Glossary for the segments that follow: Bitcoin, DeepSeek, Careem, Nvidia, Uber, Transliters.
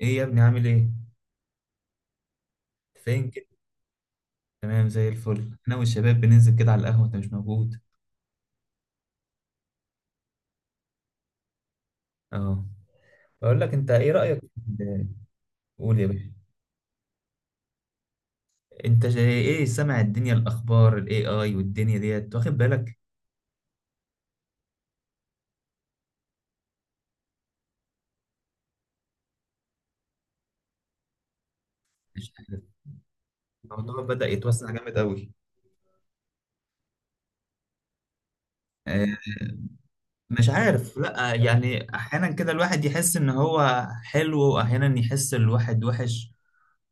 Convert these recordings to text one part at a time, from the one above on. ايه يا ابني، عامل ايه؟ فين كده؟ تمام زي الفل. انا والشباب بننزل كده على القهوه، انت مش موجود. اه، بقول لك انت ايه رايك في ال- قول يا باشا. انت جاي ايه، سامع الدنيا، الاخبار، الاي اي والدنيا ديت، واخد بالك؟ مش عارف. الموضوع بدا يتوسع جامد قوي. آه، مش عارف، لا يعني احيانا كده الواحد يحس ان هو حلو، واحيانا يحس الواحد وحش.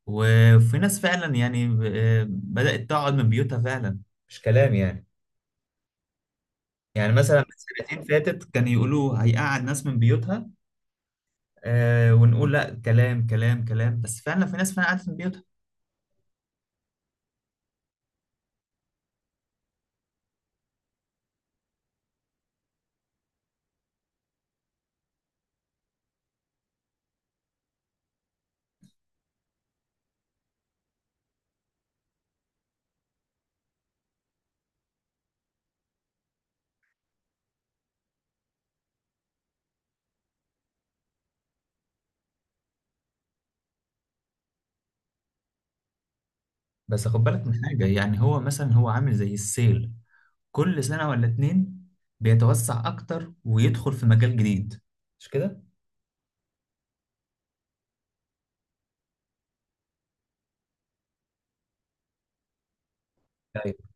وفي ناس فعلا يعني بدات تقعد من بيوتها فعلا، مش كلام يعني. يعني مثلا من سنتين فاتت كان يقولوا هيقعد ناس من بيوتها. آه، ونقول لا، كلام كلام كلام، بس فعلا في ناس فعلا قعدت من بيوتها. بس خد بالك من حاجة، يعني هو مثلا هو عامل زي السيل، كل سنة ولا اتنين بيتوسع أكتر ويدخل في مجال جديد، مش كده؟ ايوه.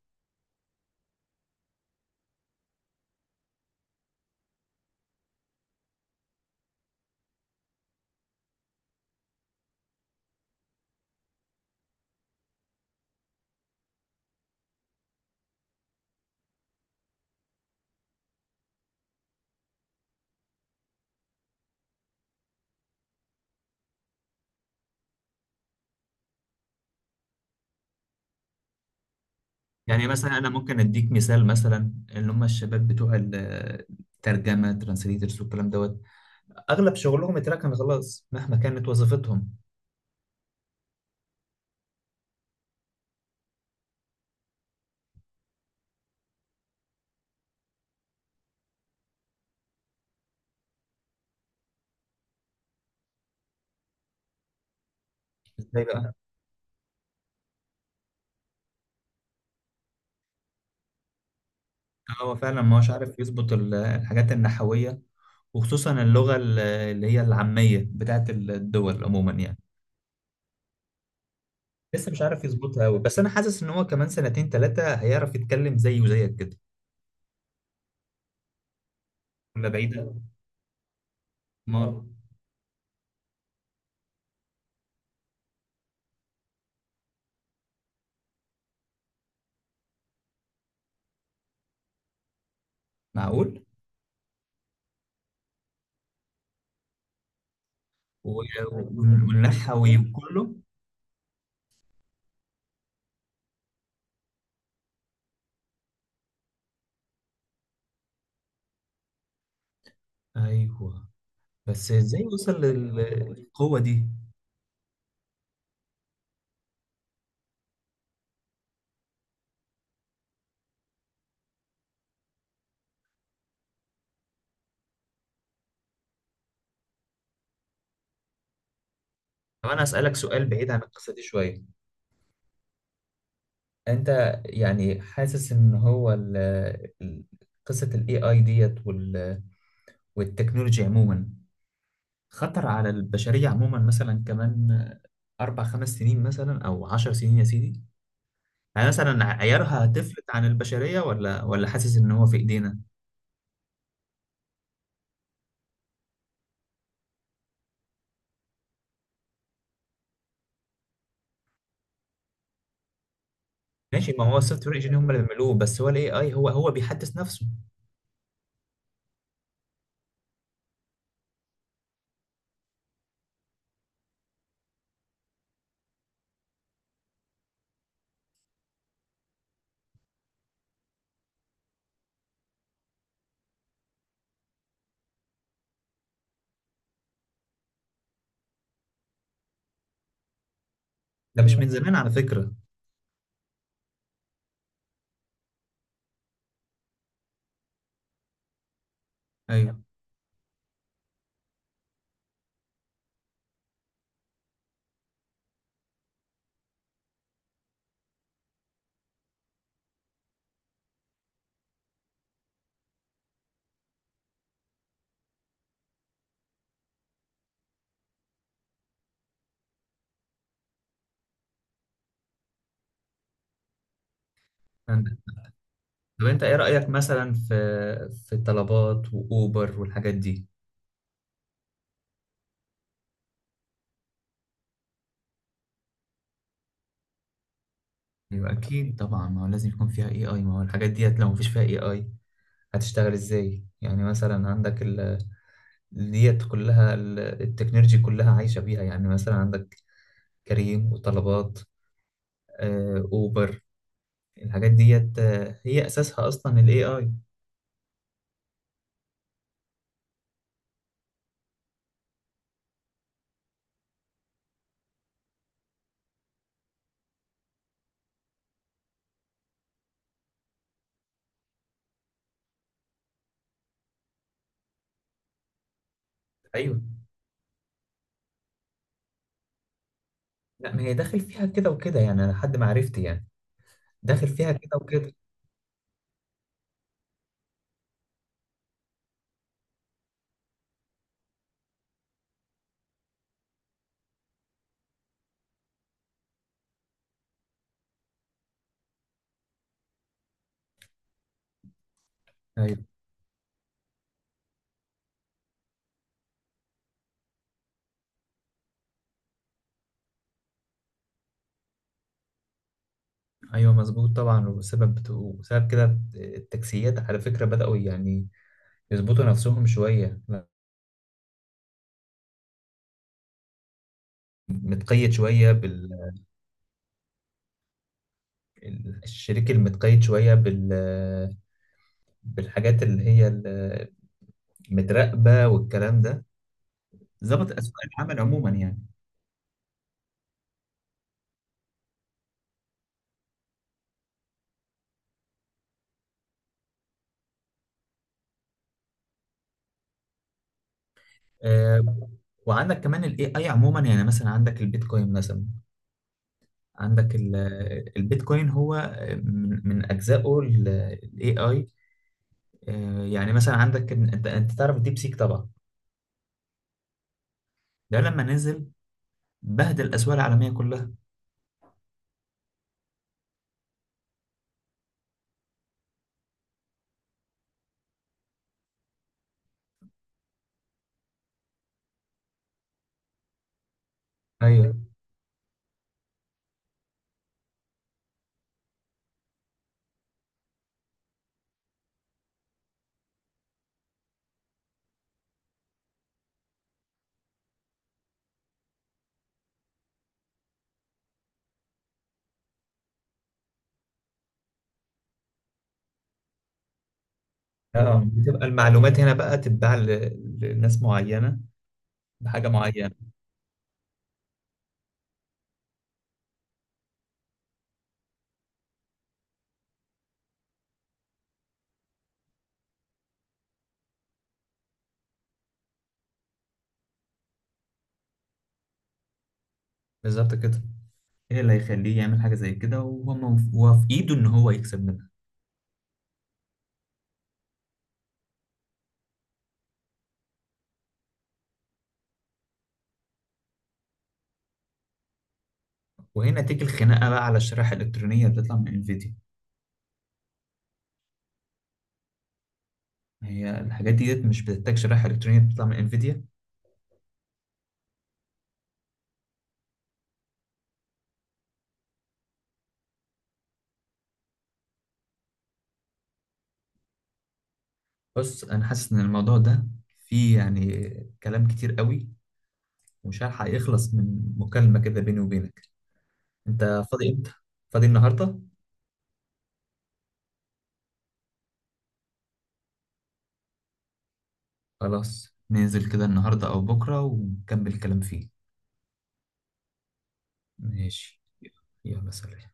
يعني مثلا أنا ممكن أديك مثال، مثلا اللي هم الشباب بتوع الترجمة، ترانسليترز والكلام دوت، أغلب شغلهم اتركن خلاص مهما كانت وظيفتهم. ازاي بقى؟ آه، هو فعلا ما هوش عارف يظبط الحاجات النحوية، وخصوصا اللغة اللي هي العامية بتاعت الدول عموما يعني. لسه مش عارف يظبطها قوي. بس انا حاسس ان هو كمان سنتين ثلاثة هيعرف يتكلم زيي وزيك كده. ولا بعيدة ما. معقول؟ و- والنحوي وكله. ايوه. بس ازاي وصل للقوة دي؟ طب انا اسألك سؤال بعيد عن القصة دي شوية. انت يعني حاسس ان هو ال- قصة الاي اي ديت والتكنولوجيا عموما خطر على البشرية عموما، مثلا كمان أربع خمس سنين مثلا، أو عشر سنين يا سيدي؟ يعني مثلا عيارها هتفلت عن البشرية ولا حاسس إن هو في إيدينا؟ ماشي. ما هو السوفت وير إنجينير هم اللي بيعملوه، بس هو الإي آي هو بيحدث نفسه. ده مش من زمان على فكرة. أيوه. عندك. طب أنت إيه رأيك مثلا في الطلبات وأوبر والحاجات دي؟ أيوه أكيد طبعا، ما هو لازم يكون فيها إي آي. ما هو الحاجات ديت لو مفيش فيها إي آي، هتشتغل إزاي؟ يعني مثلا عندك ال ديت كلها، التكنولوجي كلها عايشة بيها. يعني مثلا عندك كريم وطلبات، أوبر، الحاجات ديت هي أساسها أصلا ال AI. أيوه. لا ما هي داخل فيها كده وكده يعني، أنا لحد ما عرفت يعني داخل فيها كده وكده. أيوه أيوه، مظبوط طبعا. وسبب كده التاكسيات على فكرة بدأوا يعني يظبطوا نفسهم شوية، متقيد شوية الشريك، المتقيد شوية بالحاجات اللي هي متراقبة والكلام ده. ظبط الاسواق العمل عموما يعني. آه، وعندك كمان الاي اي عموما. يعني مثلا عندك البيتكوين، مثلا عندك البيتكوين، هو من اجزائه الاي اي. يعني مثلا عندك انت تعرف الديب سيك طبعا. ده لما نزل بهدل الاسواق العالميه كلها. ايوه. اه، بتبقى المعلومات هنا بقى تتباع لناس معينه بحاجه معينه. بالظبط كده. ايه اللي هيخليه يعمل حاجه زي كده، وهو في ايده ان هو يكسب منها. وهنا تيجي الخناقه بقى على الشرائح الالكترونيه اللي بتطلع من انفيديا. هي الحاجات دي مش بتحتاج شرائح الكترونيه بتطلع من انفيديا؟ بص، انا حاسس ان الموضوع ده فيه يعني كلام كتير قوي، ومش هلحق يخلص من مكالمه كده بيني وبينك. انت فاضي امتى؟ فاضي النهارده؟ خلاص، ننزل كده النهارده او بكره ونكمل الكلام فيه. ماشي. يلا سلام.